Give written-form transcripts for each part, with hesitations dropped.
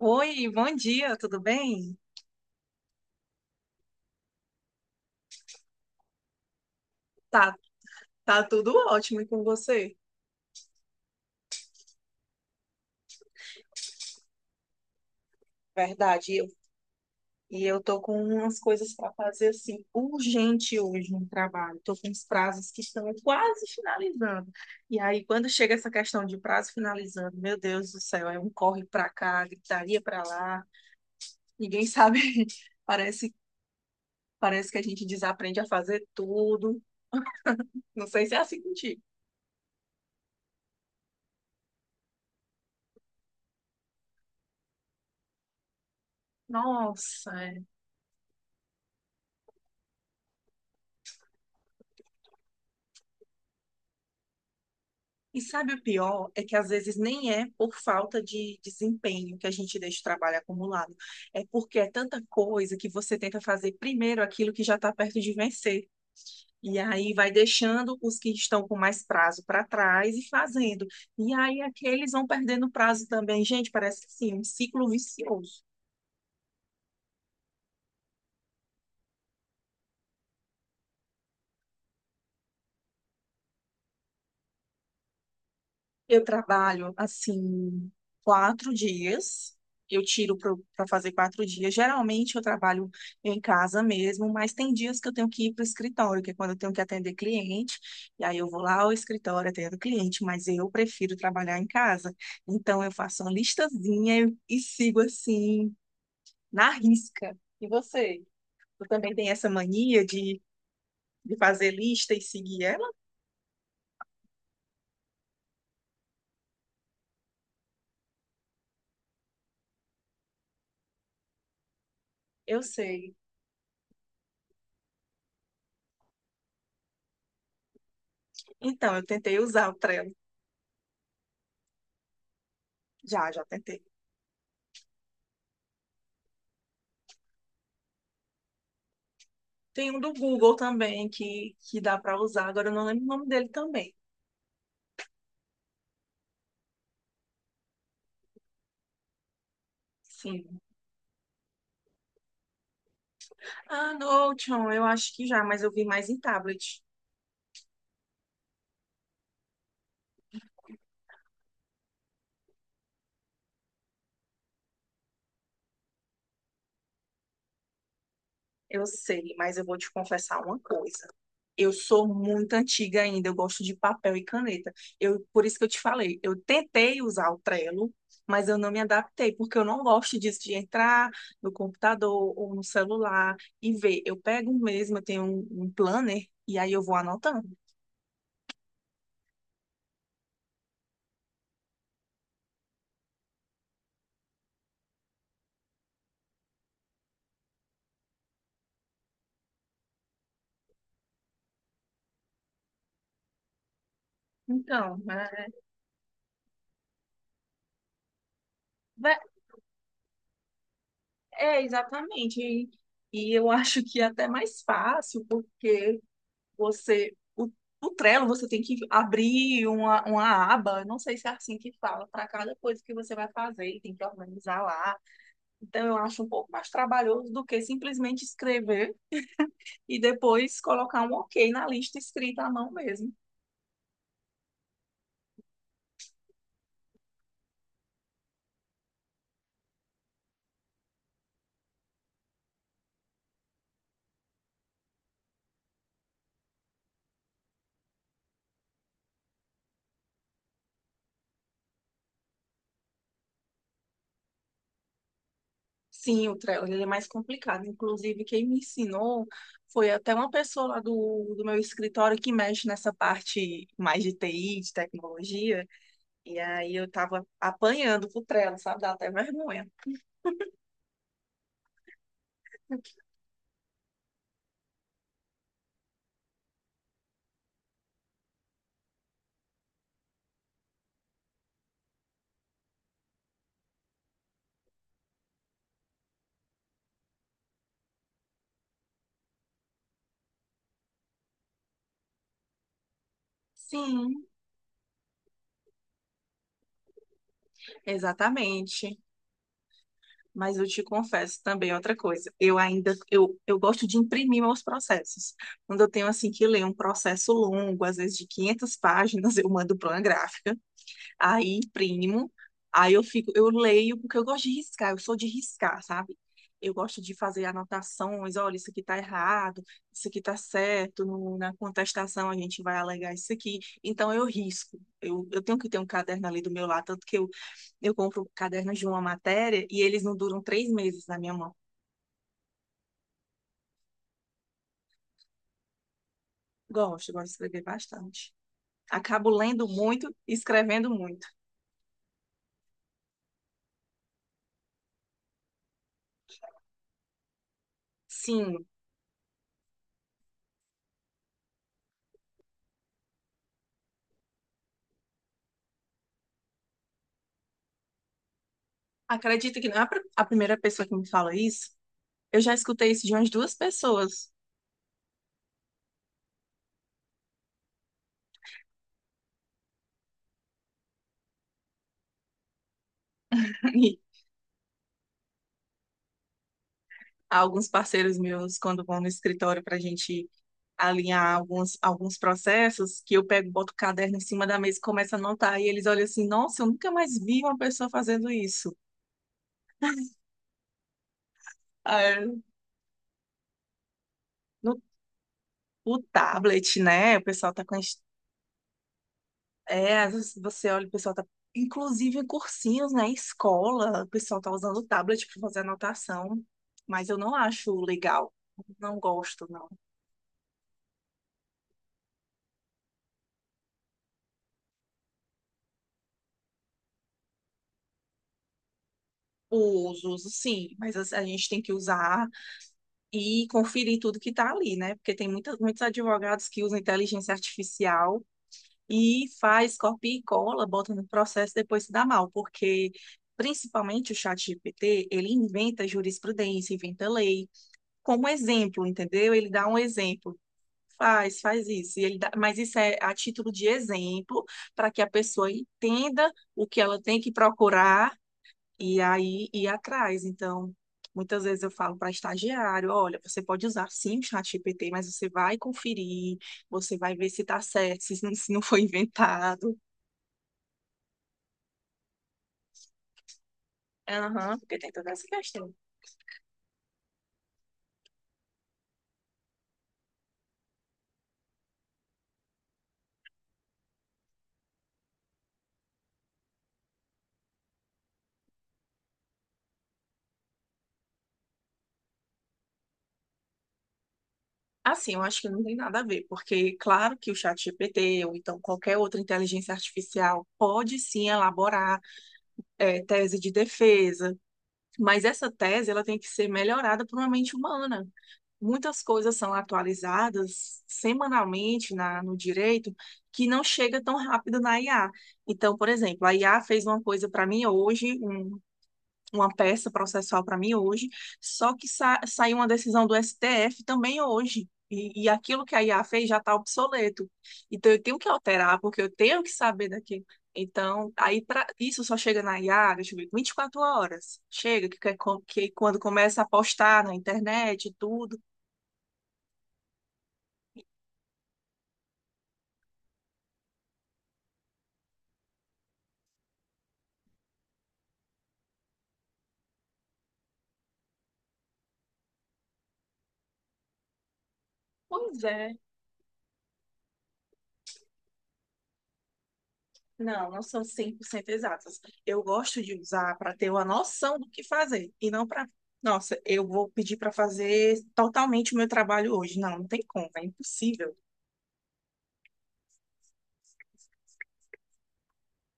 Oi, bom dia, tudo bem? Tá, tá tudo ótimo e com você? Verdade, eu, e eu tô com umas coisas para fazer assim, urgente hoje no trabalho. Tô com os prazos que estão quase finalizando. E aí, quando chega essa questão de prazo finalizando, meu Deus do céu, é um corre para cá, gritaria para lá, ninguém sabe. Parece, parece que a gente desaprende a fazer tudo. Não sei se é assim contigo. Nossa, e sabe o pior? É que às vezes nem é por falta de desempenho que a gente deixa o trabalho acumulado. É porque é tanta coisa que você tenta fazer primeiro aquilo que já está perto de vencer. E aí vai deixando os que estão com mais prazo para trás e fazendo. E aí aqueles vão perdendo prazo também. Gente, parece assim, um ciclo vicioso. Eu trabalho assim 4 dias. Eu tiro para fazer 4 dias. Geralmente eu trabalho em casa mesmo, mas tem dias que eu tenho que ir para o escritório, que é quando eu tenho que atender cliente. E aí eu vou lá ao escritório, atendo cliente, mas eu prefiro trabalhar em casa. Então eu faço uma listazinha e sigo assim, na risca. E você? Tu também tem essa mania de fazer lista e seguir ela? Eu sei. Então, eu tentei usar o Trello. Já, já tentei. Tem um do Google também que dá para usar, agora eu não lembro o nome dele também. Sim. Ah, Notion, eu acho que já, mas eu vi mais em tablet. Eu sei, mas eu vou te confessar uma coisa. Eu sou muito antiga ainda, eu gosto de papel e caneta. Eu, por isso que eu te falei, eu tentei usar o Trello, mas eu não me adaptei, porque eu não gosto disso de entrar no computador ou no celular e ver. Eu pego mesmo, eu tenho um, um planner e aí eu vou anotando. Então, né? É, exatamente. E eu acho que é até mais fácil, porque você, o Trello, você tem que abrir uma aba, não sei se é assim que fala, para cada coisa que você vai fazer, e tem que organizar lá. Então, eu acho um pouco mais trabalhoso do que simplesmente escrever e depois colocar um ok na lista escrita à mão mesmo. Sim, o Trello, ele é mais complicado. Inclusive, quem me ensinou foi até uma pessoa lá do meu escritório que mexe nessa parte mais de TI, de tecnologia. E aí eu tava apanhando pro Trello, sabe? Dá até vergonha. Sim, exatamente. Mas eu te confesso também outra coisa. Eu ainda, eu gosto de imprimir meus processos. Quando eu tenho, assim, que ler um processo longo, às vezes de 500 páginas, eu mando para uma gráfica. Aí imprimo, aí eu fico, eu leio, porque eu gosto de riscar, eu sou de riscar, sabe? Eu gosto de fazer anotações, olha, isso aqui tá errado, isso aqui tá certo, na contestação a gente vai alegar isso aqui. Então eu risco. Eu tenho que ter um caderno ali do meu lado, tanto que eu compro cadernos de uma matéria e eles não duram 3 meses na minha mão. Gosto, gosto de escrever bastante. Acabo lendo muito e escrevendo muito. Sim, acredito que não é a primeira pessoa que me fala isso. Eu já escutei isso de umas duas pessoas. E alguns parceiros meus, quando vão no escritório para a gente alinhar alguns, alguns processos, que eu pego, boto o caderno em cima da mesa e começo a anotar. E eles olham assim, nossa, eu nunca mais vi uma pessoa fazendo isso. Ah, é. No, o tablet, né? O pessoal tá com... as- É, às vezes você olha, o pessoal tá... Inclusive em cursinhos, né? Escola, o pessoal tá usando o tablet para fazer anotação. Mas eu não acho legal. Não gosto, não. Os uso, sim, mas assim, a gente tem que usar e conferir tudo que está ali, né? Porque tem muita, muitos advogados que usam inteligência artificial e faz copia e cola, bota no processo, e depois se dá mal, porque principalmente o chat GPT ele inventa jurisprudência, inventa lei, como exemplo, entendeu? Ele dá um exemplo, faz, faz isso, e ele dá, mas isso é a título de exemplo, para que a pessoa entenda o que ela tem que procurar e aí ir atrás. Então, muitas vezes eu falo para estagiário, olha, você pode usar sim o ChatGPT, mas você vai conferir, você vai ver se está certo, se não, se não foi inventado. Aham, porque tem toda essa questão. Assim, eu acho que não tem nada a ver, porque claro que o ChatGPT ou então qualquer outra inteligência artificial pode sim elaborar tese de defesa, mas essa tese ela tem que ser melhorada por uma mente humana. Muitas coisas são atualizadas semanalmente na, no direito que não chega tão rápido na IA. Então, por exemplo, a IA fez uma coisa para mim hoje, uma peça processual para mim hoje, só que saiu uma decisão do STF também hoje. E aquilo que a IA fez já está obsoleto. Então, eu tenho que alterar, porque eu tenho que saber daquilo. Então, aí pra, isso só chega na IA, deixa eu ver, 24 horas. Chega, que é que é quando começa a postar na internet e tudo. Pois é. Não, não são 100% exatas. Eu gosto de usar para ter uma noção do que fazer e não para, nossa, eu vou pedir para fazer totalmente o meu trabalho hoje. Não, não tem como, é impossível.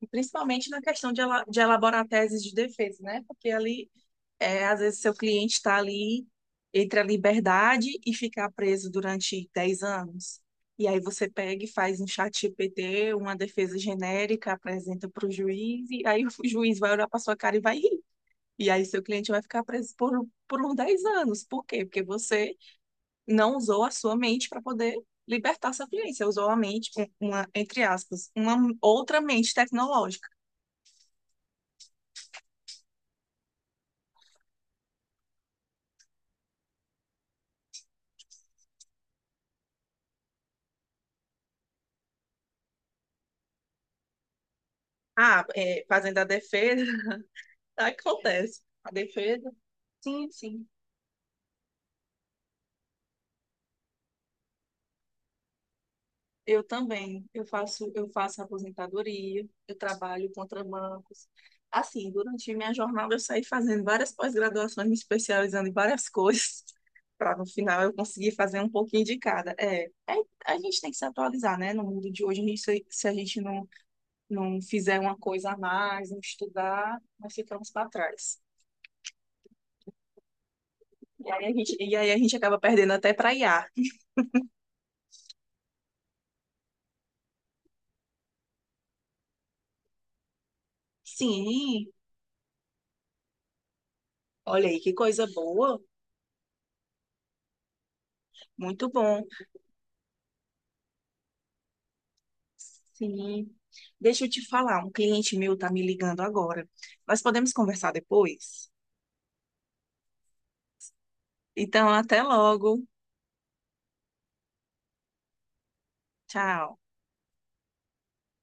E principalmente na questão de, de elaborar teses de defesa, né? Porque ali, é, às vezes, seu cliente está ali entre a liberdade e ficar preso durante 10 anos. E aí você pega e faz um chat GPT, uma defesa genérica, apresenta para o juiz, e aí o juiz vai olhar para sua cara e vai. E aí seu cliente vai ficar preso por uns 10 anos. Por quê? Porque você não usou a sua mente para poder libertar seu cliente. Você usou a mente, uma, entre aspas, uma outra mente tecnológica. Ah, é, fazendo a defesa, acontece. A defesa, sim, sim. Eu também. Eu faço aposentadoria, eu trabalho contra bancos. Assim, durante minha jornada eu saí fazendo várias pós-graduações, me especializando em várias coisas, para no final eu conseguir fazer um pouquinho de cada. É, é, a gente tem que se atualizar, né? No mundo de hoje, a gente, se a gente não, não fizer uma coisa a mais, não estudar, nós ficamos para trás. E aí a gente acaba perdendo até para IA. Sim, olha aí que coisa boa, muito bom. Sim. Deixa eu te falar, um cliente meu tá me ligando agora. Nós podemos conversar depois? Então, até logo. Tchau.